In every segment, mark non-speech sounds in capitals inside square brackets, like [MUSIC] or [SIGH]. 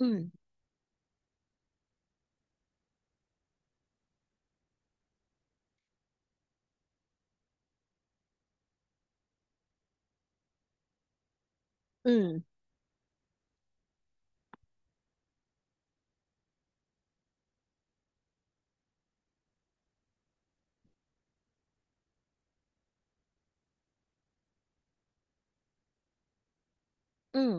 อืม อืม อืม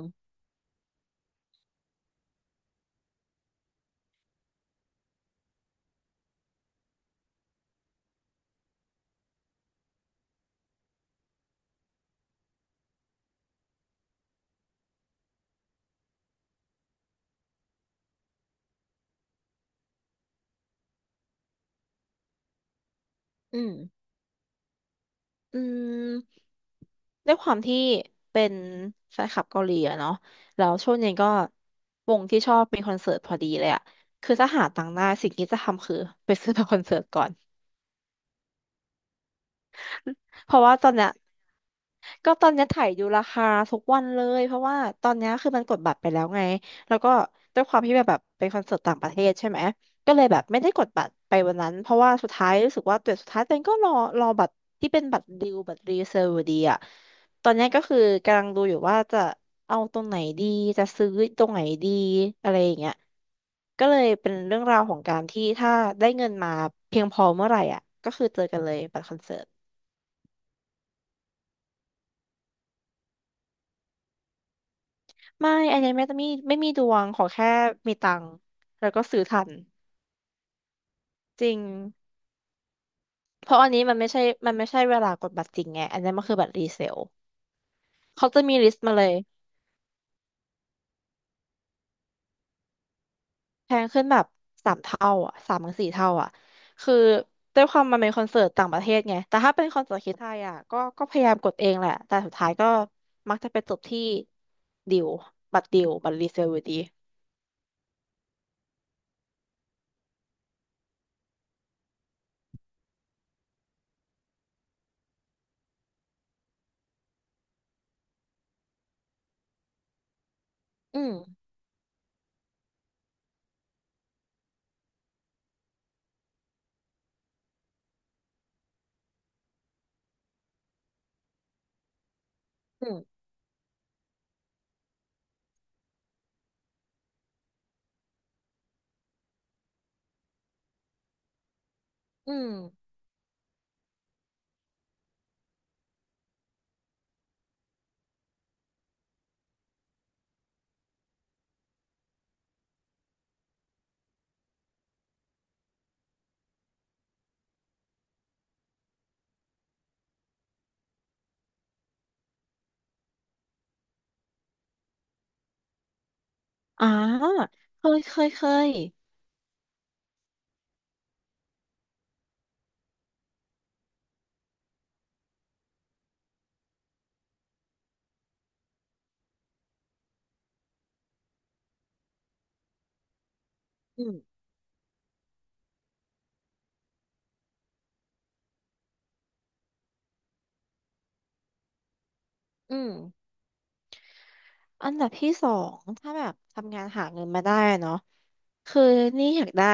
อืม อืมด้วยความที่เป็นแฟนคลับเกาหลีอะเนาะแล้วช่วงนี้ก็วงที่ชอบมีคอนเสิร์ตพอดีเลยอะ คือถ้าหาตังค์ได้สิ่งที่จะทำคือไปซื้อ [LAUGHS] บัตรคอนเสิร์ตก่อน [LAUGHS] เพราะว่าตอนเนี้ยก็ตอนเนี้ยถ่ายดูราคาทุกวันเลยเพราะว่าตอนเนี้ยคือมันกดบัตรไปแล้วไงแล้วก็ด้วยความที่แบบเป็นคอนเสิร์ตต่างประเทศใช่ไหมก็เลยแบบไม่ได้กดบัตรไปวันนั้นเพราะว่าสุดท้ายรู้สึกว่าตัวสุดท้ายตัวเองก็รอบัตรที่เป็นบัตรดิวบัตรรีเซอร์อยู่ดีอะตอนเนี้ยก็คือกำลังดูอยู่ว่าจะเอาตรงไหนดีจะซื้อตรงไหนดีอะไรอย่างเงี้ยก็เลยเป็นเรื่องราวของการที่ถ้าได้เงินมาเพียงพอเมื่อไหร่อ่ะก็คือเจอกันเลยบัตรคอนเสิร์ต ไม่อันนี้ไม่มีดวงขอแค่มีตังค์แล้วก็ซื้อทันจริงเพราะอันนี้มันไม่ใช่เวลากดบัตรจริงไงอันนี้มันคือบัตรรีเซลเขาจะมีลิสต์มาเลยแพงขึ้นแบบ3 เท่าอ่ะ3 ถึง 4 เท่าอ่ะคือด้วยความมันเป็นคอนเสิร์ตต่างประเทศไงแต่ถ้าเป็นคอนเสิร์ตที่ไทยอ่ะก็พยายามกดเองแหละแต่สุดท้ายก็มักจะไปจบที่ดิวบัตรดิวบัตรรีเซลอยู่ดีอืมอืมอืมอ่าเคยเคยเคยอืมอืม อันดับที่สองถ้าแบบทำงานหาเงินมาได้เนาะคือนี่อยากได้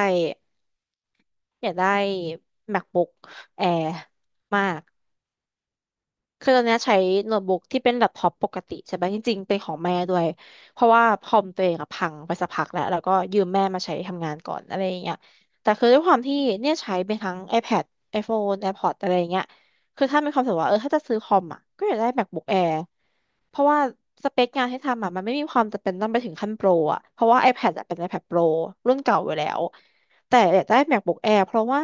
อยากได้ MacBook Air มากคือตอนเนี้ยใช้โน้ตบุ๊กที่เป็นแล็ปท็อปปกติใช่ไหมจริงๆเป็นของแม่ด้วยเพราะว่าคอมตัวเองอะพังไปสักพักแล้วก็ยืมแม่มาใช้ทำงานก่อนอะไรอย่างเงี้ยแต่คือด้วยความที่เนี่ยใช้เป็นทั้ง iPad iPhone AirPods อะไรอย่างเงี้ยคือถ้ามีความรู้สึกว่าเออถ้าจะซื้อคอมอ่ะก็อยากได้ MacBook Air เพราะว่าสเปคงานให้ทำอ่ะมันไม่มีความจำเป็นต้องไปถึงขั้นโปรอ่ะเพราะว่า iPad อะเป็น iPad Pro รุ่นเก่าอยู่แล้วแต่อยากได้ MacBook Air เพราะว่า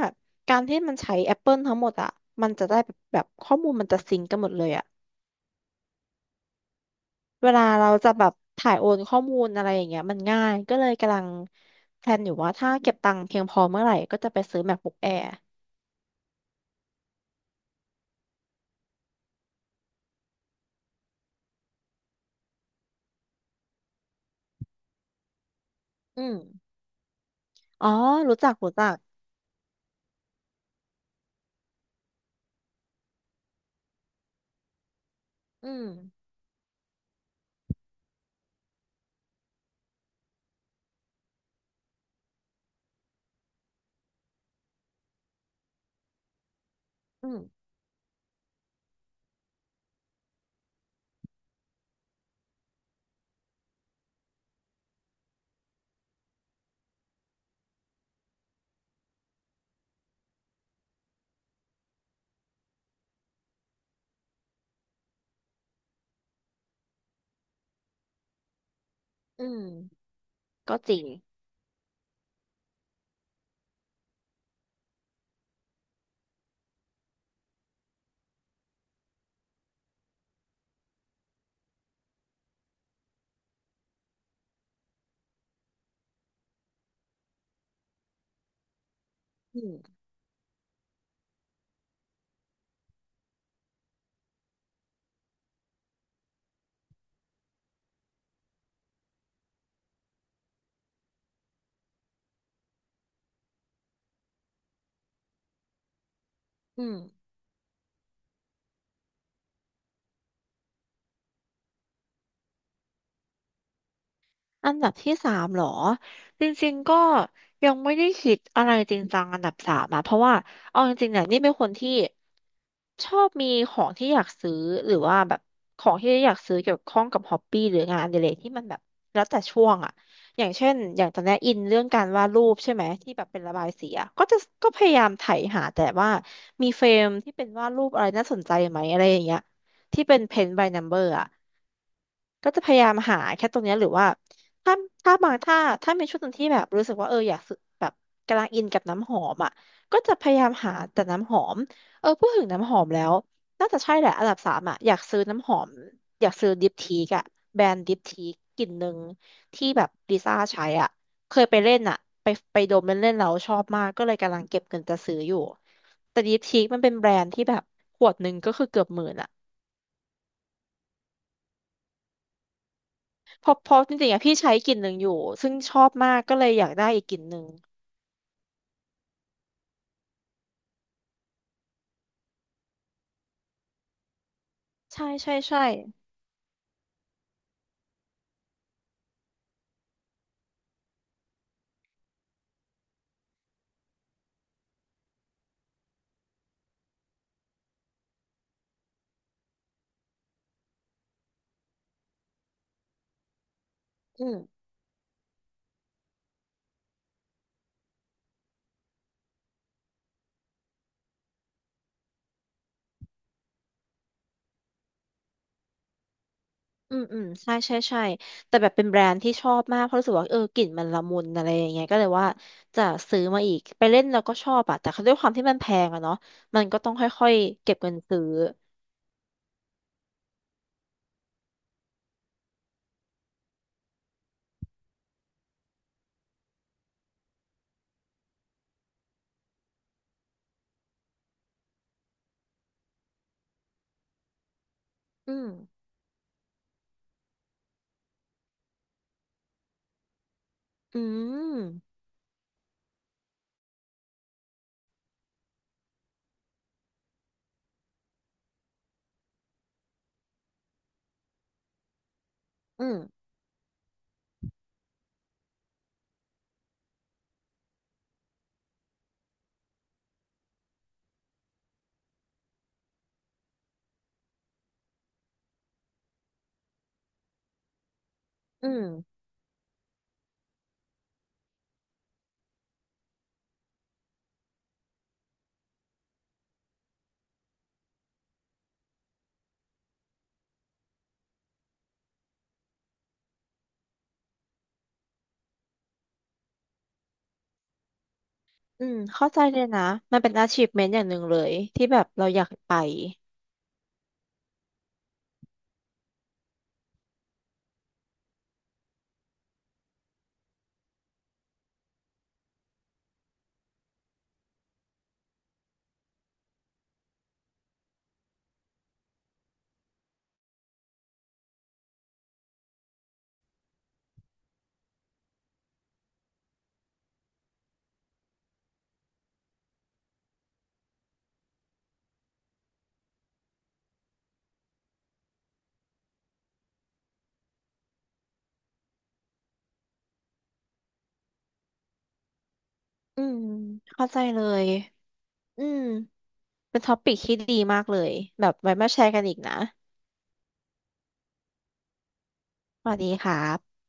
การที่มันใช้ Apple ทั้งหมดอ่ะมันจะได้แบบข้อมูลมันจะซิงก์กันหมดเลยอ่ะเวลาเราจะแบบถ่ายโอนข้อมูลอะไรอย่างเงี้ยมันง่ายก็เลยกำลังแพลนอยู่ว่าถ้าเก็บตังค์เพียงพอเมื่อไหร่ก็จะไปซื้อ MacBook Air อืมอ๋อรู้จักรู้จักอืมอืมอืมก็จริงอืมอืม อันดับที่สามเหรอจริงๆก็ยังไม่ได้คิดอะไรจริงจังอันดับสามอะเพราะว่าเอาจริงๆเนี่ยนี่เป็นคนที่ชอบมีของที่อยากซื้อหรือว่าแบบของที่อยากซื้อเกี่ยวข้องกับฮอปปี้หรืองานอดิเรกที่มันแบบแล้วแต่ช่วงอะอย่างเช่นอย่างตอนนี้อินเรื่องการวาดรูปใช่ไหมที่แบบเป็นระบายสีอะก็จะก็พยายามไถหาแต่ว่ามีเฟรมที่เป็นวาดรูปอะไรน่าสนใจไหมอะไรอย่างเงี้ยที่เป็นเพน by number อะ ก็จะพยายามหาแค่ตรงเนี้ยหรือว่าถ้าถ้าบางถ้าถ้ามีช่วงหนึงที่แบบรู้สึกว่าเอออยากซื้อแบบกำลังอินกับน้ำหอมอ่ะก็จะพยายามหาแต่น้ำหอมเออพูดถึงน้ำหอมแล้วน่าจะใช่แหละอันดับสามอ่ะอยากซื้อน้ำหอมอยากซื้อดิปทีกอ่ะแบรนด์ดิปทีกกลิ่นหนึ่งที่แบบลิซ่าใช้อ่ะเคยไปเล่นอ่ะไปไปดมเล่นเล่นแล้วชอบมากก็เลยกำลังเก็บเงินจะซื้ออยู่แต่ดิปทีกมันเป็นแบรนด์ที่แบบขวดหนึ่งก็คือเกือบหมื่นอ่ะ เพราะจริงๆอะพี่ใช้กลิ่นหนึ่งอยู่ซึ่งชอบมากก็เลยอยากได้อีกกลิ่นหนึ่งใช่ใช่ใช่อืมอืมอืมใช่ใช่ใช่แต่แบบเป็นแบรนด์ที่ชอบมากเพราะรู้สึกว่าเออกลิ่นมันละมุนอะไรอย่างเงี้ยก็เลยว่าจะซื้อมาอีกไปเล่นแล้วก็ชอบอะแต่ด้วยความที่มันแพงอะเนาะมันก็ต้องค่อยๆเก็บเงินซื้ออืมอืมอืมอืมอืมเข้าใจเลยนะมันเป็น achievement อย่างหนึ่งเลยที่แบบเราอยากไปอืมเข้าใจเลยอืม เป็นท็อปิกที่ดีมากเลยแบบไว้มาแชร์กันอีกนะสวัสดีครับ